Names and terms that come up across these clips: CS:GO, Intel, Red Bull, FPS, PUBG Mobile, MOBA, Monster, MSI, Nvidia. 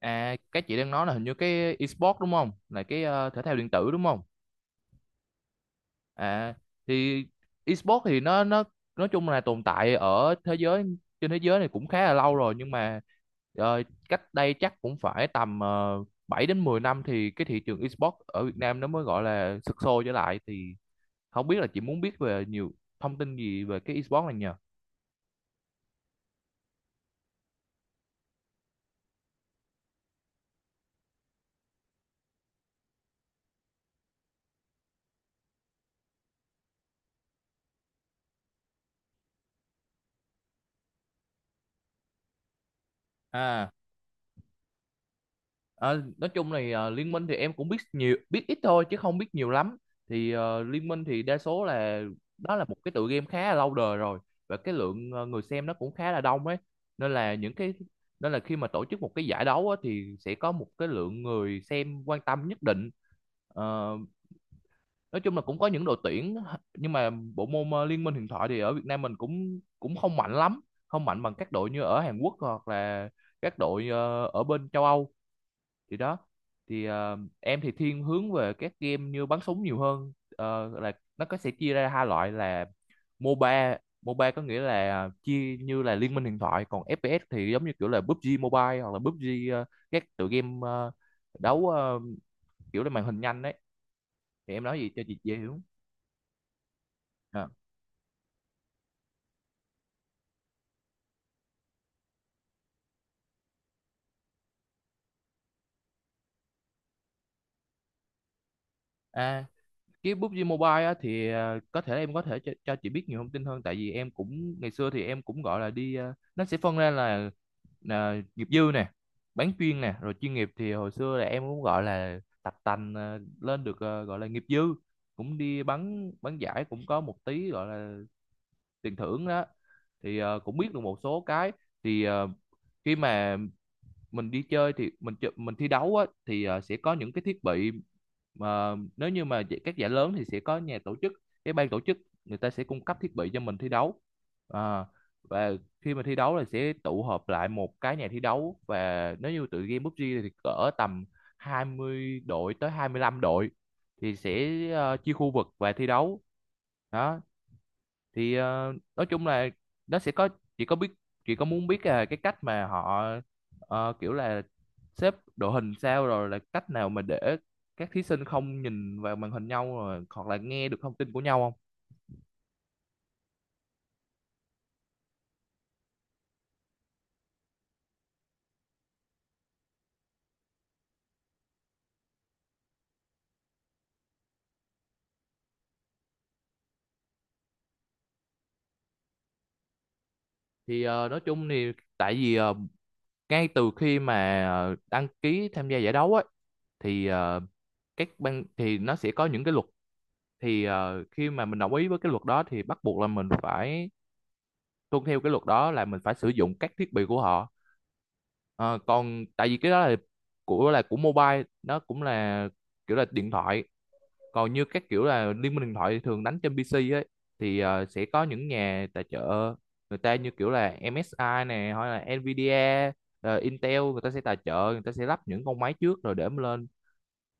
À, cái chị đang nói là hình như cái esports đúng không? Là thể thao điện tử đúng không? À, thì esports thì nó nói chung là tồn tại ở thế giới trên thế giới này cũng khá là lâu rồi, nhưng mà ờ, cách đây chắc cũng phải tầm 7 đến 10 năm thì cái thị trường esports ở Việt Nam nó mới gọi là sục sôi trở lại. Thì không biết là chị muốn biết về nhiều thông tin gì về cái esports này nhờ? À. Ờ, nói chung này, ờ, Liên Minh thì em cũng biết nhiều biết ít thôi chứ không biết nhiều lắm. Thì ờ, Liên Minh thì đa số là đó là một cái tựa game khá là lâu đời rồi, và cái lượng ờ, người xem nó cũng khá là đông ấy, nên là những cái nên là khi mà tổ chức một cái giải đấu á, thì sẽ có một cái lượng người xem quan tâm nhất định. Ờ, nói chung là cũng có những đội tuyển, nhưng mà bộ môn ờ, Liên Minh huyền thoại thì ở Việt Nam mình cũng cũng không mạnh lắm, không mạnh bằng các đội như ở Hàn Quốc hoặc là các đội ờ, ở bên châu Âu. Thì đó, thì ờ, em thì thiên hướng về các game như bắn súng nhiều hơn. Ờ, là nó có sẽ chia ra hai loại là MOBA. MOBA có nghĩa là chia như là Liên minh huyền thoại, còn FPS thì giống như kiểu là PUBG Mobile hoặc là PUBG, ờ, các tựa game ờ, đấu ờ, kiểu là màn hình nhanh đấy. Thì em nói gì cho chị dễ hiểu. Ờ. À. Cái PUBG Mobile á, thì à, có thể em có thể cho chị biết nhiều thông tin hơn, tại vì em cũng ngày xưa thì em cũng gọi là đi, à, nó sẽ phân ra là nghiệp dư nè, bán chuyên nè, rồi chuyên nghiệp. Thì hồi xưa là em cũng gọi là tập tành, à, lên được, à, gọi là nghiệp dư, cũng đi bắn bắn giải cũng có một tí gọi là tiền thưởng đó, thì à, cũng biết được một số cái. Thì à, khi mà mình đi chơi thì mình thi đấu á, thì ờ, sẽ có những cái thiết bị mà nếu như mà các giải lớn thì sẽ có nhà tổ chức cái ban tổ chức, người ta sẽ cung cấp thiết bị cho mình thi đấu. À, và khi mà thi đấu là sẽ tụ họp lại một cái nhà thi đấu, và nếu như tụi game PUBG thì cỡ tầm 20 đội tới 25 đội, thì sẽ ờ, chia khu vực và thi đấu. Đó, thì ờ, nói chung là nó sẽ có chị có biết chị có muốn biết là cái cách mà họ ờ, kiểu là xếp đội hình sao, rồi là cách nào mà để các thí sinh không nhìn vào màn hình nhau, rồi hoặc là nghe được thông tin của nhau không. Thì ờ, nói chung thì tại vì ờ, ngay từ khi mà ờ, đăng ký tham gia giải đấu ấy, thì ờ, các ban thì nó sẽ có những cái luật. Thì ờ, khi mà mình đồng ý với cái luật đó thì bắt buộc là mình phải tuân theo cái luật đó, là mình phải sử dụng các thiết bị của họ. Ờ, còn tại vì cái đó là của mobile nó cũng là kiểu là điện thoại, còn như các kiểu là Liên minh điện thoại thì thường đánh trên PC ấy. Thì ờ, sẽ có những nhà tài trợ, người ta như kiểu là MSI này, hoặc là Nvidia, ờ, Intel, người ta sẽ tài trợ, người ta sẽ lắp những con máy trước rồi để mà lên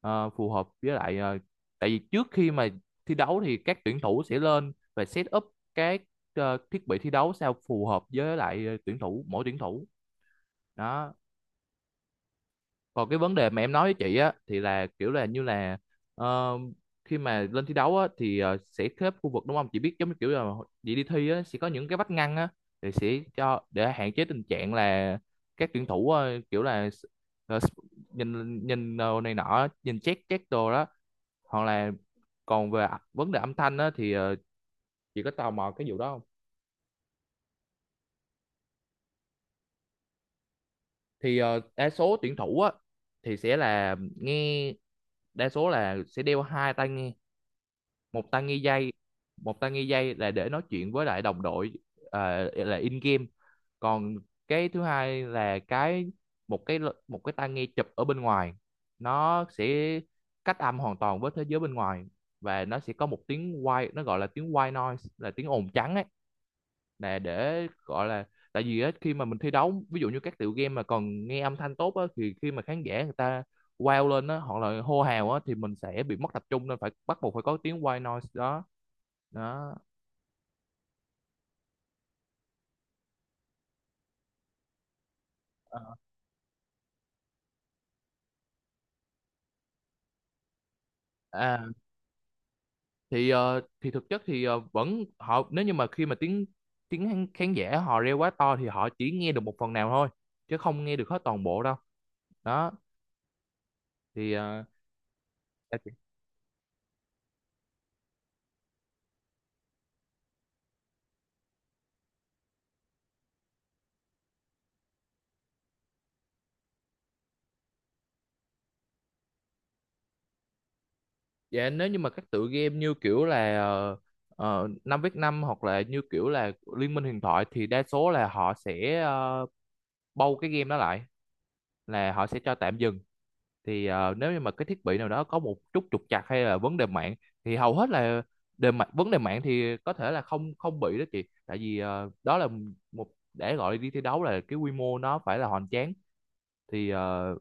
ờ, phù hợp với lại ờ, tại vì trước khi mà thi đấu thì các tuyển thủ sẽ lên và set up cái ờ, thiết bị thi đấu sao phù hợp với lại ờ, tuyển thủ, mỗi tuyển thủ. Đó, còn cái vấn đề mà em nói với chị á thì là kiểu là như là ờ, khi mà lên thi đấu á thì ờ, sẽ xếp khu vực đúng không, chị biết giống như kiểu là chị đi thi á, sẽ có những cái vách ngăn á, thì sẽ cho để hạn chế tình trạng là các tuyển thủ ờ, kiểu là ờ, nhìn nhìn đồ này nọ, nhìn check check đồ đó, hoặc là còn về vấn đề âm thanh á thì ờ, chị có tò mò cái vụ đó không. Thì ờ, đa số tuyển thủ á thì sẽ là nghe, đa số là sẽ đeo hai tai nghe, một tai nghi dây. Một tai nghi dây là để nói chuyện với lại đồng đội, à, là in game. Còn cái thứ hai là cái một cái một cái tai nghe chụp ở bên ngoài, nó sẽ cách âm hoàn toàn với thế giới bên ngoài, và nó sẽ có một tiếng white nó gọi là tiếng white noise, là tiếng ồn trắng ấy, là để gọi là tại vì á, khi mà mình thi đấu ví dụ như các tựa game mà còn nghe âm thanh tốt á, thì khi mà khán giả người ta wow lên á, hoặc là hô hào á, thì mình sẽ bị mất tập trung, nên phải bắt buộc phải có tiếng white noise đó. Đó. Ờ. À, thì ờ, thì thực chất thì ờ, vẫn họ nếu như mà khi mà tiếng tiếng khán khán giả họ reo quá to thì họ chỉ nghe được một phần nào thôi, chứ không nghe được hết toàn bộ đâu. Đó, thì ờ, dạ chị- dạ, nếu như mà các tựa game như kiểu là 5v5 hoặc là như kiểu là Liên minh huyền thoại, thì đa số là họ sẽ ờ, bâu cái game đó lại, là họ sẽ cho tạm dừng. Thì ờ, nếu như mà cái thiết bị nào đó có một chút trục trặc hay là vấn đề mạng, thì hầu hết là đề mạng vấn đề mạng thì có thể là không không bị đó chị, tại vì ờ, đó là một để gọi đi thi đấu là cái quy mô nó phải là hoành tráng. Thì ờ,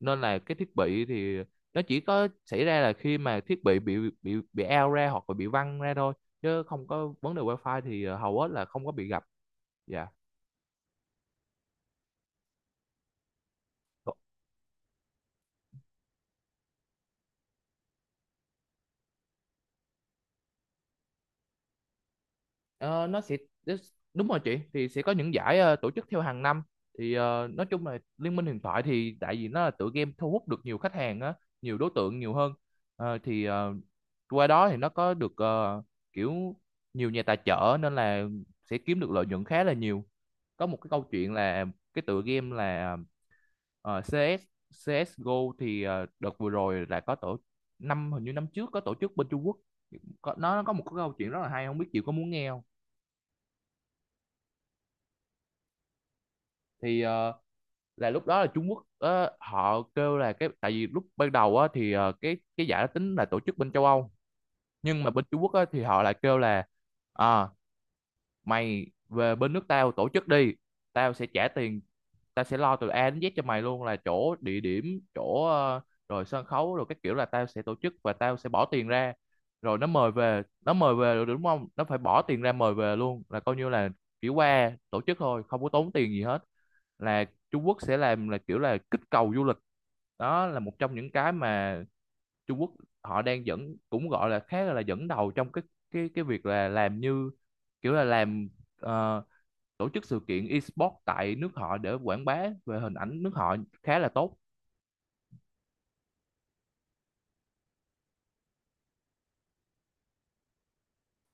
nên là cái thiết bị thì nó chỉ có xảy ra là khi mà thiết bị bị bị out ra hoặc là bị văng ra thôi, chứ không có vấn đề wifi thì ờ, hầu hết là không có bị gặp. Dạ. Ờ, nó sẽ đúng rồi chị, thì sẽ có những giải ờ, tổ chức theo hàng năm. Thì ờ, nói chung là Liên minh huyền thoại thì tại vì nó là tựa game thu hút được nhiều khách hàng á, nhiều đối tượng nhiều hơn. Ờ, thì ờ, qua đó thì nó có được ờ, kiểu nhiều nhà tài trợ, nên là sẽ kiếm được lợi nhuận khá là nhiều. Có một cái câu chuyện là cái tựa game là ờ, CS, CSGO, thì ờ, đợt vừa rồi là có tổ năm hình như năm trước có tổ chức bên Trung Quốc, có, nó có một cái câu chuyện rất là hay, không biết chị có muốn nghe không. Thì ờ, là lúc đó là Trung Quốc ờ, họ kêu là cái tại vì lúc ban đầu á, thì ờ, cái giải đó tính là tổ chức bên châu Âu, nhưng mà bên Trung Quốc á, thì họ lại kêu là à, mày về bên nước tao tổ chức đi, tao sẽ trả tiền, tao sẽ lo từ A đến Z cho mày luôn, là chỗ địa điểm, chỗ ờ, rồi sân khấu, rồi các kiểu là tao sẽ tổ chức và tao sẽ bỏ tiền ra. Rồi nó mời về rồi, đúng không, nó phải bỏ tiền ra mời về luôn, là coi như là chỉ qua tổ chức thôi, không có tốn tiền gì hết. Là Trung Quốc sẽ làm là kiểu là kích cầu du lịch. Đó là một trong những cái mà Trung Quốc họ đang dẫn, cũng gọi là khá là dẫn đầu trong cái việc là làm như kiểu là làm ờ, tổ chức sự kiện esports tại nước họ để quảng bá về hình ảnh nước họ, khá là tốt.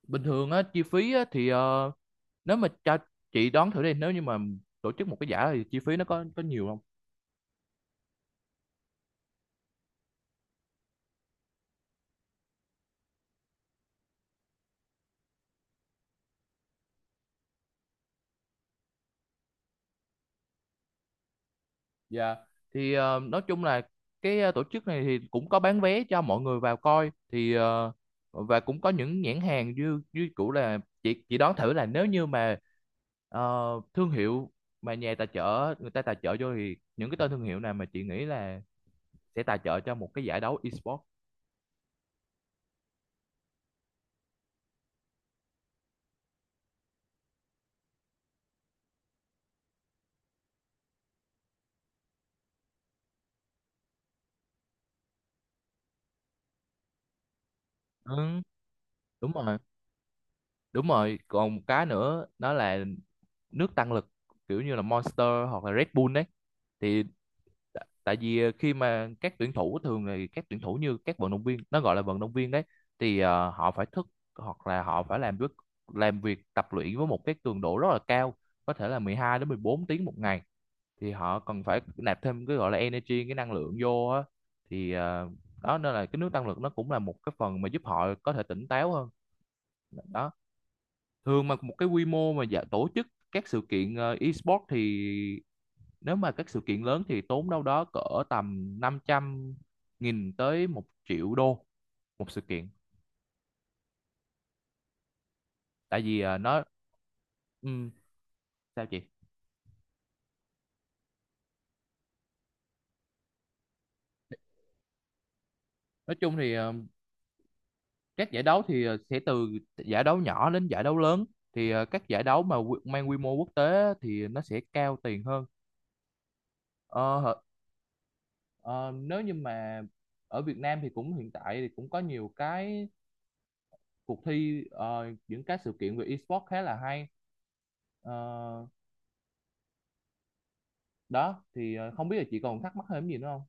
Bình thường á chi phí á thì ờ, nếu mà cho chị đoán thử đi, nếu như mà tổ chức một cái giải thì chi phí nó có nhiều không? Dạ. Thì nói chung là cái tổ chức này thì cũng có bán vé cho mọi người vào coi thì và cũng có những nhãn hàng như như cũ là chị đoán thử là nếu như mà Ờ, thương hiệu mà nhà tài trợ người ta tài trợ vô thì những cái tên thương hiệu này mà chị nghĩ là sẽ tài trợ cho một cái giải đấu esports. Ừ, đúng rồi. Đúng rồi, còn một cái nữa đó là nước tăng lực, kiểu như là Monster hoặc là Red Bull đấy. Thì tại vì khi mà các tuyển thủ, thường thì các tuyển thủ như các vận động viên, nó gọi là vận động viên đấy, thì họ phải thức hoặc là họ phải làm việc, làm việc tập luyện với một cái cường độ rất là cao, có thể là 12 đến 14 tiếng một ngày. Thì họ cần phải nạp thêm cái gọi là energy, cái năng lượng vô á. Thì đó, nên là cái nước tăng lực nó cũng là một cái phần mà giúp họ có thể tỉnh táo hơn đó. Thường mà một cái quy mô mà dạ, tổ chức các sự kiện e-sport thì nếu mà các sự kiện lớn thì tốn đâu đó cỡ tầm 500.000 tới 1 triệu đô một sự kiện. Tại vì nó, ừ, sao chị nói chung thì các giải đấu thì sẽ từ giải đấu nhỏ đến giải đấu lớn. Thì các giải đấu mà mang quy mô quốc tế thì nó sẽ cao tiền hơn. Ờ, hở- ờ, nếu như mà ở Việt Nam thì cũng hiện tại thì cũng có nhiều cái cuộc thi, những cái sự kiện về esports khá là hay. Ờ, đó thì không biết là chị còn thắc mắc thêm gì nữa không.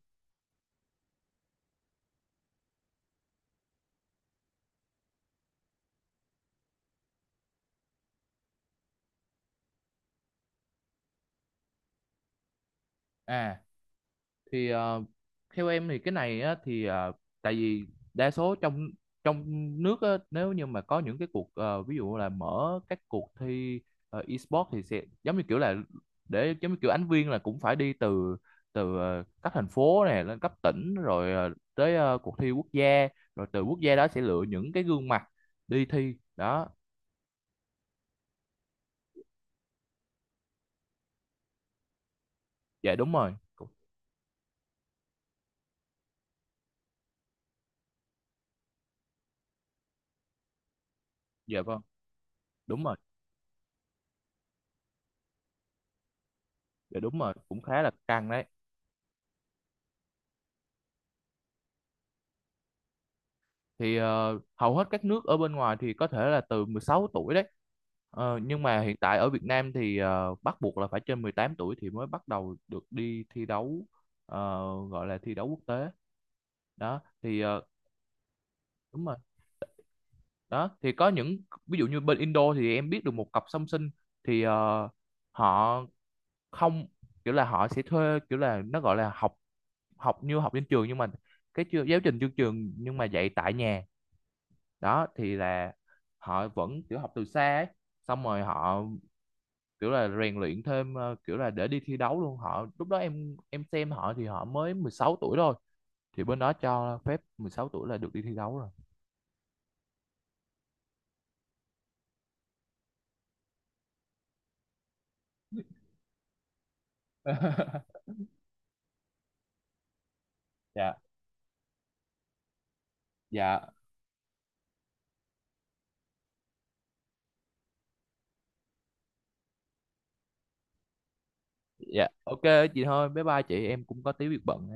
À thì theo em thì cái này á, thì tại vì đa số trong trong nước á, nếu như mà có những cái cuộc ví dụ là mở các cuộc thi e-sport thì sẽ giống như kiểu là, để giống như kiểu ánh viên là cũng phải đi từ từ các thành phố này lên cấp tỉnh, rồi tới cuộc thi quốc gia, rồi từ quốc gia đó sẽ lựa những cái gương mặt đi thi đó. Dạ đúng rồi. Dạ vâng. Đúng rồi. Dạ đúng rồi, cũng khá là căng đấy. Thì hầu hết các nước ở bên ngoài thì có thể là từ 16 tuổi đấy. Ờ, nhưng mà hiện tại ở Việt Nam thì bắt buộc là phải trên 18 tuổi thì mới bắt đầu được đi thi đấu. ờ, Gọi là thi đấu quốc tế đó. Thì đúng rồi. Đó thì có những ví dụ như bên Indo thì em biết được một cặp song sinh. Thì họ không, kiểu là họ sẽ thuê, kiểu là nó gọi là học, học như học trên trường nhưng mà giáo trình chương trường nhưng mà dạy tại nhà. Đó thì là họ vẫn kiểu học từ xa ấy. Xong rồi họ kiểu là rèn luyện thêm, kiểu là để đi thi đấu luôn. Họ lúc đó em xem họ, thì họ mới 16 tuổi thôi. Thì bên đó cho phép 16 tuổi là được đi thi đấu rồi. Dạ. Dạ. Dạ, ok chị. Thôi bye bye chị, em cũng có tí việc bận.